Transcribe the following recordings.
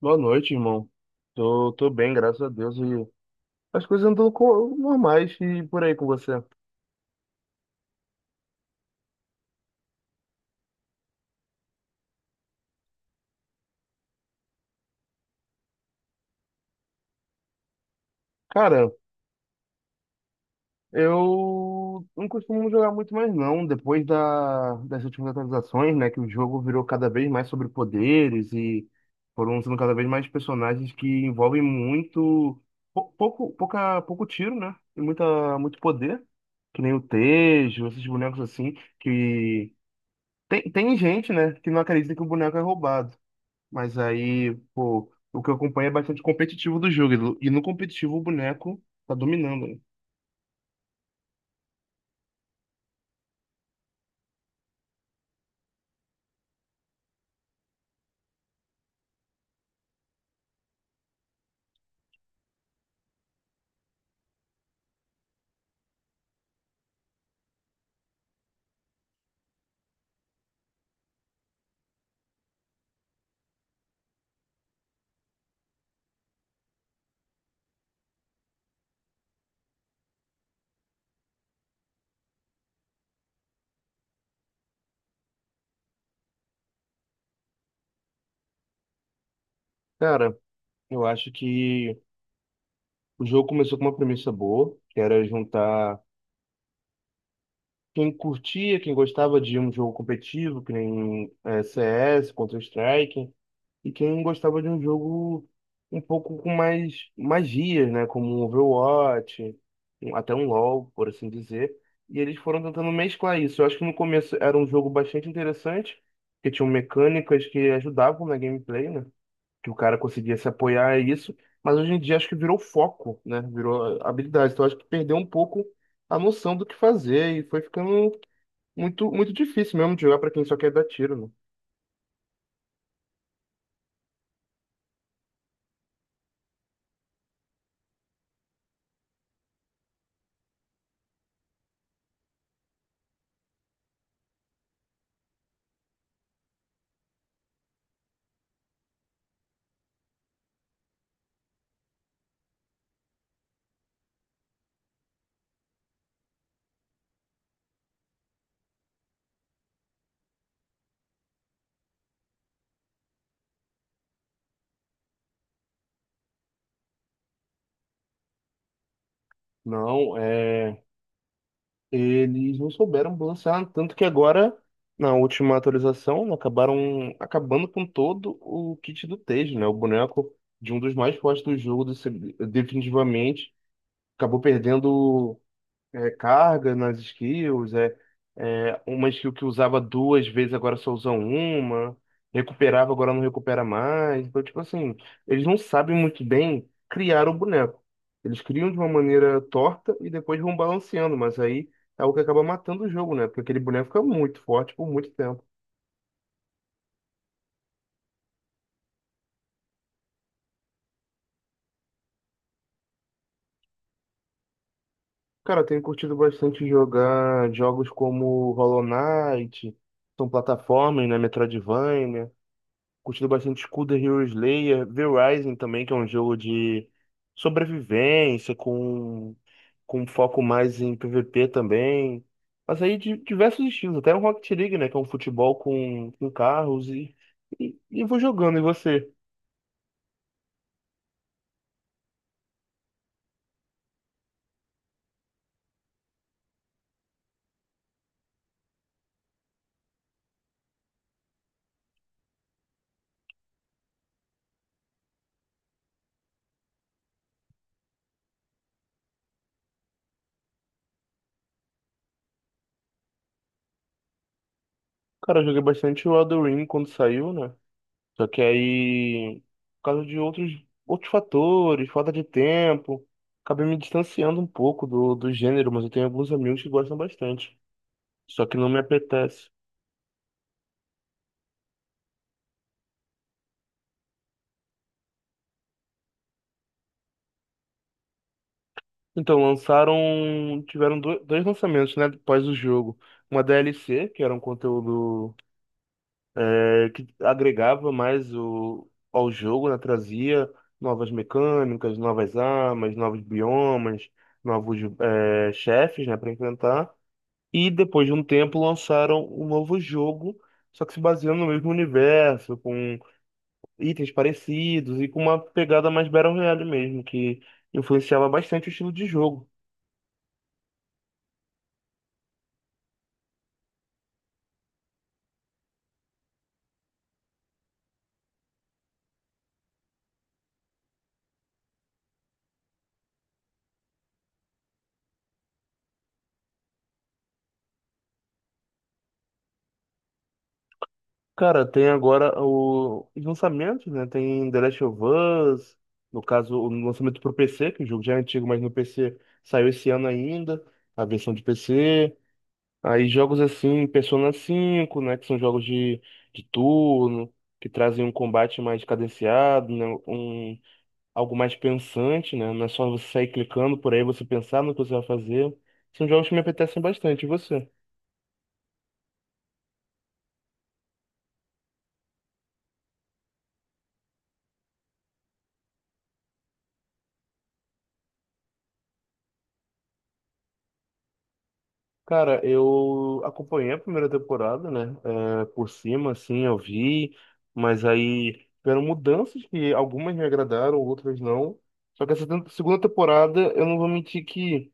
Boa noite, irmão. Tô bem, graças a Deus. E as coisas andam normais. E por aí, com você? Cara, eu não costumo jogar muito mais não. Depois das últimas atualizações, né? Que o jogo virou cada vez mais sobre poderes, e foram sendo cada vez mais personagens que envolvem muito pouco tiro, né? E muito poder. Que nem o Tejo, esses bonecos assim, Tem gente, né, que não acredita que o boneco é roubado. Mas aí, pô, o que eu acompanho é bastante competitivo do jogo. E no competitivo, o boneco tá dominando, né? Cara, eu acho que o jogo começou com uma premissa boa, que era juntar quem curtia, quem gostava de um jogo competitivo, que nem CS, Counter-Strike. E quem gostava de um jogo um pouco com mais magias, né? Como um Overwatch, até um LoL, por assim dizer. E eles foram tentando mesclar isso. Eu acho que no começo era um jogo bastante interessante, que tinham mecânicas que ajudavam na gameplay, né? Que o cara conseguia se apoiar a isso. Mas hoje em dia acho que virou foco, né? Virou habilidade. Então acho que perdeu um pouco a noção do que fazer, e foi ficando muito, muito difícil mesmo de jogar para quem só quer dar tiro, né? Não, é. Eles não souberam balancear, tanto que agora, na última atualização, né, acabaram acabando com todo o kit do Tejo, né? O boneco, de um dos mais fortes do jogo, definitivamente, acabou perdendo carga nas skills. É uma skill que usava duas vezes, agora só usam uma. Recuperava, agora não recupera mais. Então, tipo assim, eles não sabem muito bem criar o boneco. Eles criam de uma maneira torta e depois vão balanceando, mas aí é o que acaba matando o jogo, né? Porque aquele boneco fica muito forte por muito tempo. Cara, eu tenho curtido bastante jogar jogos como Hollow Knight, são plataformas, né? Metroidvania. Curtindo bastante School the Hero Slayer, V-Rising também, que é um jogo de sobrevivência, com um foco mais em PVP também. Mas aí, de diversos estilos, até um Rocket League, né? Que é um futebol com carros, e vou jogando. E você? Cara, eu joguei bastante o Elden Ring quando saiu, né? Só que aí, por causa de outros fatores, falta de tempo, acabei me distanciando um pouco do gênero, mas eu tenho alguns amigos que gostam bastante. Só que não me apetece. Então, lançaram. Tiveram dois lançamentos, né? Após o jogo. Uma DLC, que era um conteúdo que agregava mais ao jogo, né? Trazia novas mecânicas, novas armas, novos biomas, novos chefes, né? Para enfrentar. E depois de um tempo lançaram um novo jogo, só que se baseando no mesmo universo, com itens parecidos e com uma pegada mais Battle Royale mesmo, que influenciava bastante o estilo de jogo. Cara, tem agora os lançamentos, né? Tem The Last of Us, no caso, o lançamento pro PC, que o jogo já é antigo, mas no PC saiu esse ano ainda, a versão de PC. Aí, jogos assim, Persona 5, né? Que são jogos de turno, que trazem um combate mais cadenciado, né? Algo mais pensante, né? Não é só você sair clicando por aí, você pensar no que você vai fazer. São jogos que me apetecem bastante. E você? Cara, eu acompanhei a primeira temporada, né? Por cima, assim, eu vi, mas aí tiveram mudanças que algumas me agradaram, outras não. Só que essa segunda temporada, eu não vou mentir que,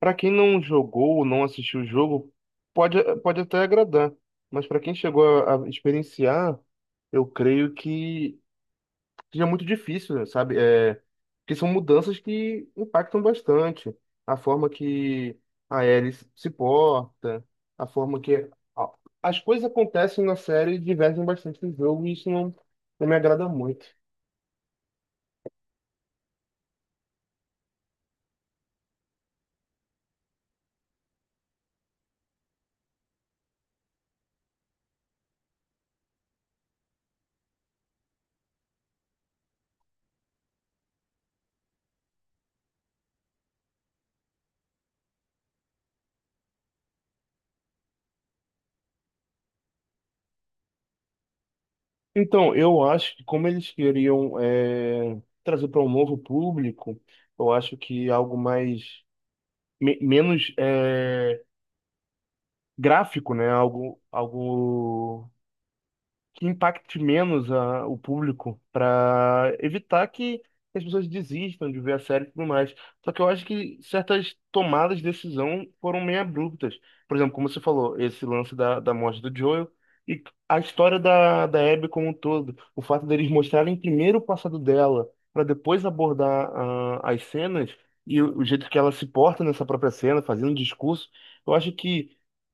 pra quem não jogou ou não assistiu o jogo, pode até agradar. Mas pra quem chegou a experienciar, eu creio que seja muito difícil, sabe? É, porque são mudanças que impactam bastante a forma que a Ellie se porta, a forma que a- as coisas acontecem na série e divergem bastante do jogo, e isso não, não me agrada muito. Então, eu acho que como eles queriam trazer para um novo público, eu acho que algo mais menos gráfico, né? Algo que impacte menos o público, para evitar que as pessoas desistam de ver a série e tudo mais. Só que eu acho que certas tomadas de decisão foram meio abruptas. Por exemplo, como você falou, esse lance da morte do Joel e a história da Abby como um todo. O fato deles mostrarem primeiro o passado dela para depois abordar as cenas e o jeito que ela se porta nessa própria cena, fazendo discurso. Eu acho que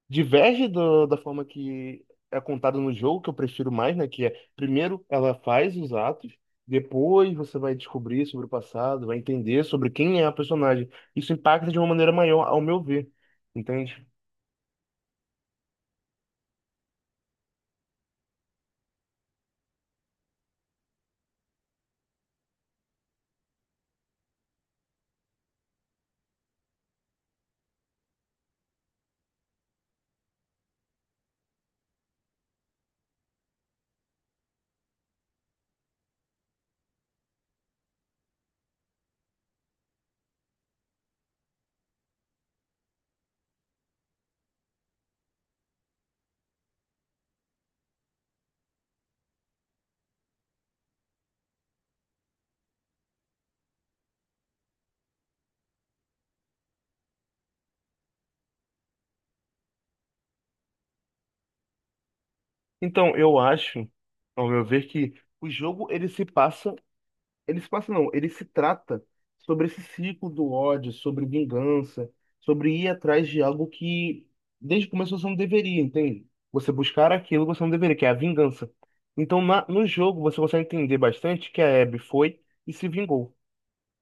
diverge da forma que é contada no jogo, que eu prefiro mais, né? Que é, primeiro ela faz os atos, depois você vai descobrir sobre o passado, vai entender sobre quem é a personagem. Isso impacta de uma maneira maior, ao meu ver, entende? Então, eu acho, ao meu ver, que o jogo, ele se passa. Ele se passa, não, ele se trata sobre esse ciclo do ódio, sobre vingança, sobre ir atrás de algo que desde o começo você não deveria, entende? Você buscar aquilo que você não deveria, que é a vingança. Então, no jogo, você consegue entender bastante que a Abby foi e se vingou.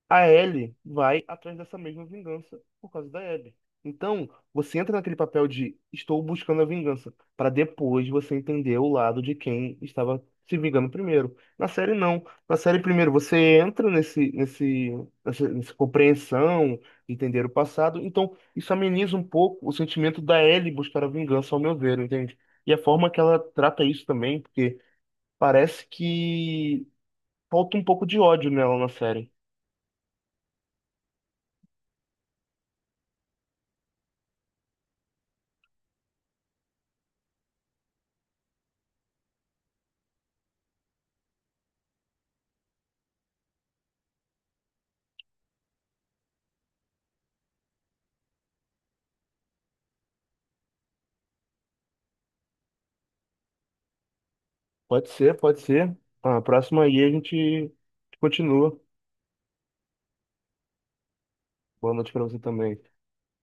A Ellie vai atrás dessa mesma vingança por causa da Abby. Então, você entra naquele papel de estou buscando a vingança, para depois você entender o lado de quem estava se vingando primeiro. Na série, não. Na série, primeiro, você entra nessa compreensão, entender o passado. Então, isso ameniza um pouco o sentimento da Ellie buscar a vingança, ao meu ver, entende? E a forma que ela trata isso também, porque parece que falta um pouco de ódio nela na série. Pode ser, pode ser. Ah, a próxima aí a gente continua. Boa noite pra você também.